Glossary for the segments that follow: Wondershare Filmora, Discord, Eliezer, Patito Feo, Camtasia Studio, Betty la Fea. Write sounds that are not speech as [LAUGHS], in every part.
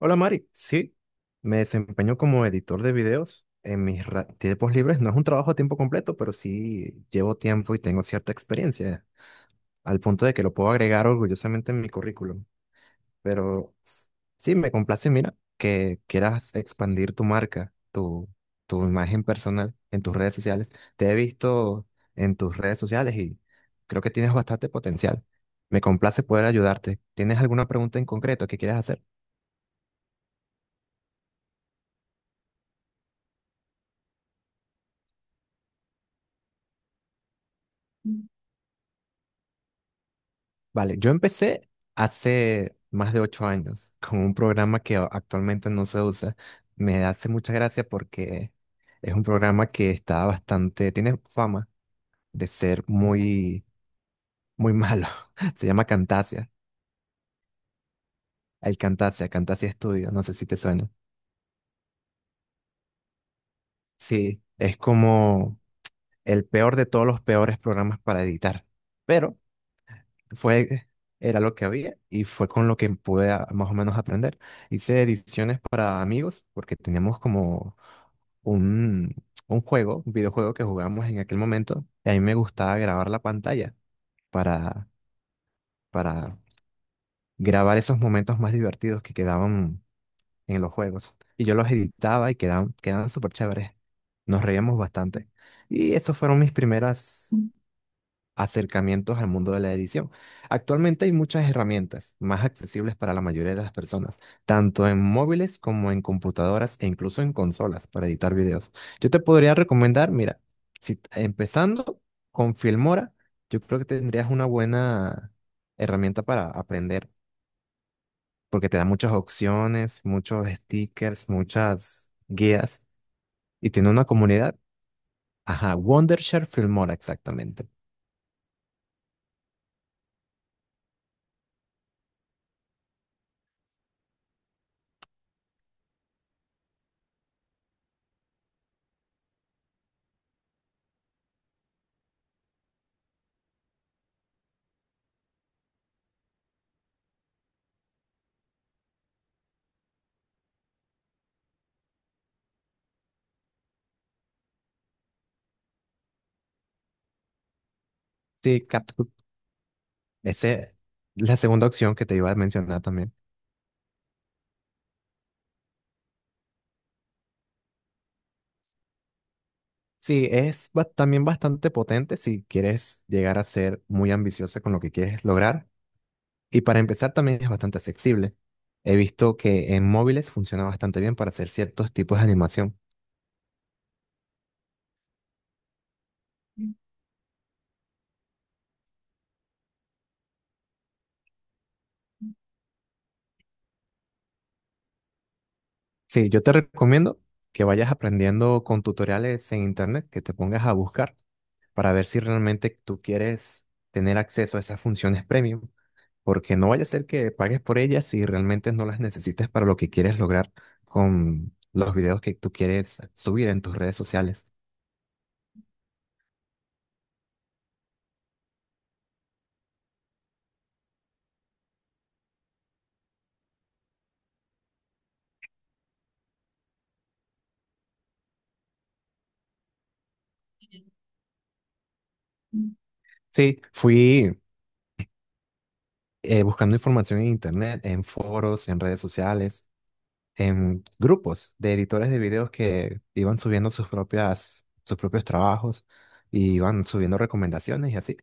Hola Mari, sí, me desempeño como editor de videos en mis tiempos libres. No es un trabajo a tiempo completo, pero sí llevo tiempo y tengo cierta experiencia, al punto de que lo puedo agregar orgullosamente en mi currículum. Pero s- sí, me complace, mira, que quieras expandir tu marca, tu imagen personal en tus redes sociales. Te he visto en tus redes sociales y creo que tienes bastante potencial. Me complace poder ayudarte. ¿Tienes alguna pregunta en concreto que quieras hacer? Vale, yo empecé hace más de 8 años con un programa que actualmente no se usa. Me hace mucha gracia porque es un programa que está bastante, tiene fama de ser muy malo. [LAUGHS] Se llama Camtasia, el Camtasia, Camtasia Studio, no sé si te suena. Sí, es como el peor de todos los peores programas para editar. Pero fue, era lo que había y fue con lo que pude más o menos aprender. Hice ediciones para amigos porque teníamos como un, un juego, un videojuego que jugábamos en aquel momento y a mí me gustaba grabar la pantalla para, para grabar esos momentos más divertidos que quedaban en los juegos. Y yo los editaba y quedaban súper chéveres. Nos reíamos bastante. Y esos fueron mis primeras, acercamientos al mundo de la edición. Actualmente hay muchas herramientas más accesibles para la mayoría de las personas, tanto en móviles como en computadoras e incluso en consolas para editar videos. Yo te podría recomendar, mira, si empezando con Filmora, yo creo que tendrías una buena herramienta para aprender, porque te da muchas opciones, muchos stickers, muchas guías y tiene una comunidad. Ajá, Wondershare Filmora, exactamente. Sí, ese, la segunda opción que te iba a mencionar también. Sí, es también bastante potente si quieres llegar a ser muy ambiciosa con lo que quieres lograr. Y para empezar también es bastante accesible. He visto que en móviles funciona bastante bien para hacer ciertos tipos de animación. Sí, yo te recomiendo que vayas aprendiendo con tutoriales en internet, que te pongas a buscar para ver si realmente tú quieres tener acceso a esas funciones premium, porque no vaya a ser que pagues por ellas si realmente no las necesitas para lo que quieres lograr con los videos que tú quieres subir en tus redes sociales. Mm. Sí, fui buscando información en internet, en foros, en redes sociales, en grupos de editores de videos que iban subiendo sus propias, sus propios trabajos y iban subiendo recomendaciones y así.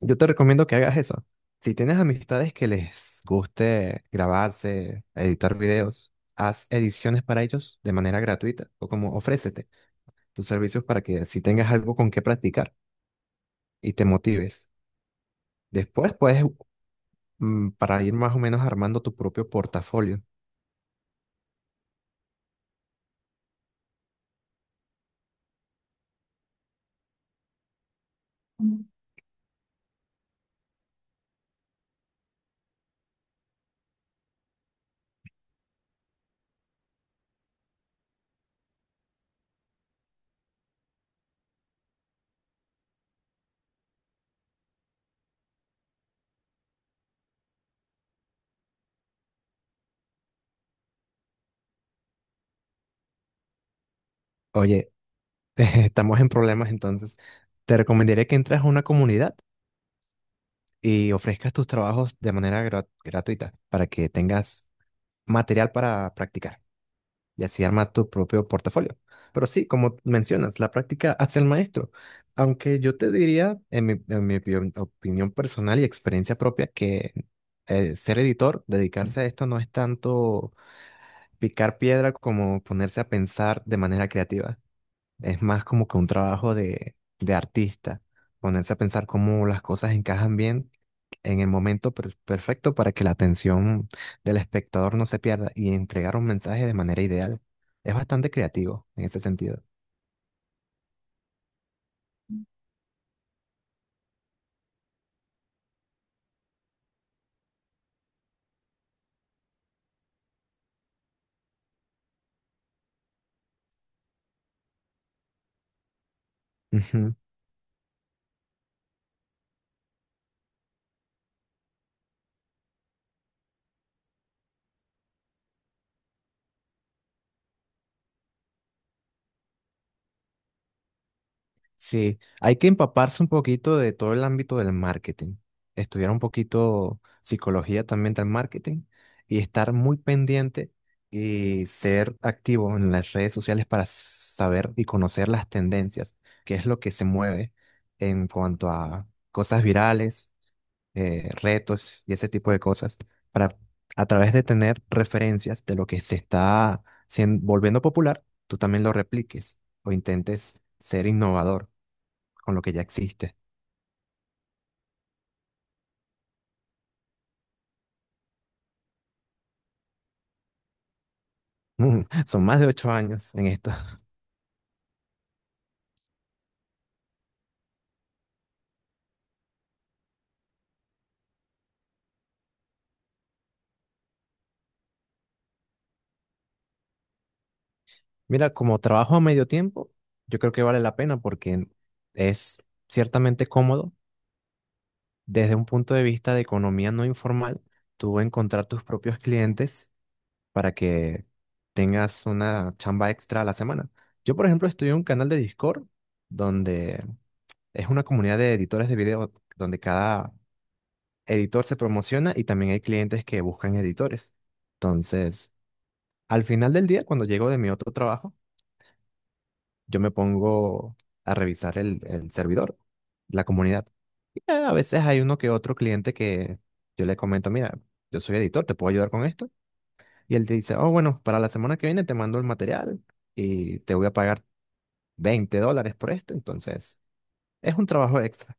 Yo te recomiendo que hagas eso. Si tienes amistades que les guste grabarse, editar videos, haz ediciones para ellos de manera gratuita o como ofrécete tus servicios para que si tengas algo con qué practicar y te motives. Después para ir más o menos armando tu propio portafolio. Mm. Oye, [LAUGHS] estamos en problemas entonces. Te recomendaría que entres a una comunidad y ofrezcas tus trabajos de manera gratuita para que tengas material para practicar, y así arma tu propio portafolio. Pero sí, como mencionas, la práctica hace al maestro. Aunque yo te diría, en mi opinión personal y experiencia propia, que ser editor, dedicarse a esto no es tanto picar piedra como ponerse a pensar de manera creativa. Es más como que un trabajo de artista, ponerse a pensar cómo las cosas encajan bien en el momento perfecto para que la atención del espectador no se pierda y entregar un mensaje de manera ideal. Es bastante creativo en ese sentido. Sí, hay que empaparse un poquito de todo el ámbito del marketing, estudiar un poquito psicología también del marketing y estar muy pendiente y ser activo en las redes sociales para saber y conocer las tendencias, qué es lo que se mueve en cuanto a cosas virales, retos y ese tipo de cosas, para a través de tener referencias de lo que se está volviendo popular, tú también lo repliques o intentes ser innovador con lo que ya existe. Mm, [LAUGHS] son más de 8 años en esto. [LAUGHS] Mira, como trabajo a medio tiempo, yo creo que vale la pena porque es ciertamente cómodo desde un punto de vista de economía no informal, tú encontrar tus propios clientes para que tengas una chamba extra a la semana. Yo, por ejemplo, estoy en un canal de Discord donde es una comunidad de editores de video donde cada editor se promociona y también hay clientes que buscan editores. Entonces, al final del día, cuando llego de mi otro trabajo, yo me pongo a revisar el servidor, la comunidad. Y, a veces hay uno que otro cliente que yo le comento, mira, yo soy editor, ¿te puedo ayudar con esto? Y él te dice, oh, bueno, para la semana que viene te mando el material y te voy a pagar $20 por esto. Entonces, es un trabajo extra.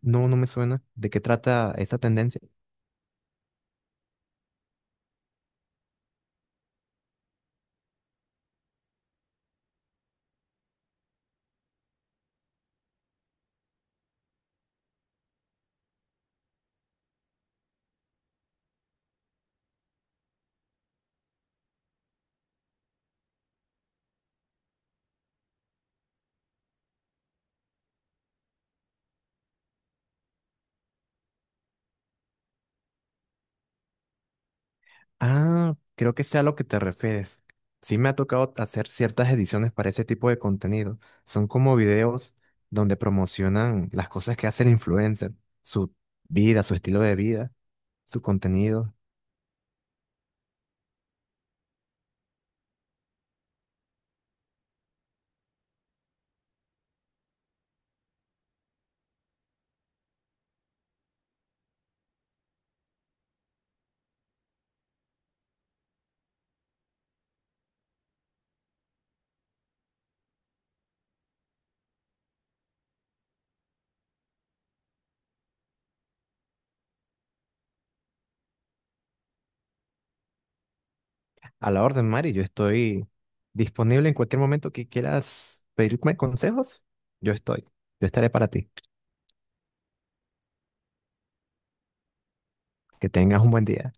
No, no me suena. ¿De qué trata esa tendencia? Ah, creo que sea a lo que te refieres. Sí me ha tocado hacer ciertas ediciones para ese tipo de contenido. Son como videos donde promocionan las cosas que hace el influencer, su vida, su estilo de vida, su contenido. A la orden, Mari, yo estoy disponible en cualquier momento que quieras pedirme consejos. Yo estoy. Yo estaré para ti. Que tengas un buen día.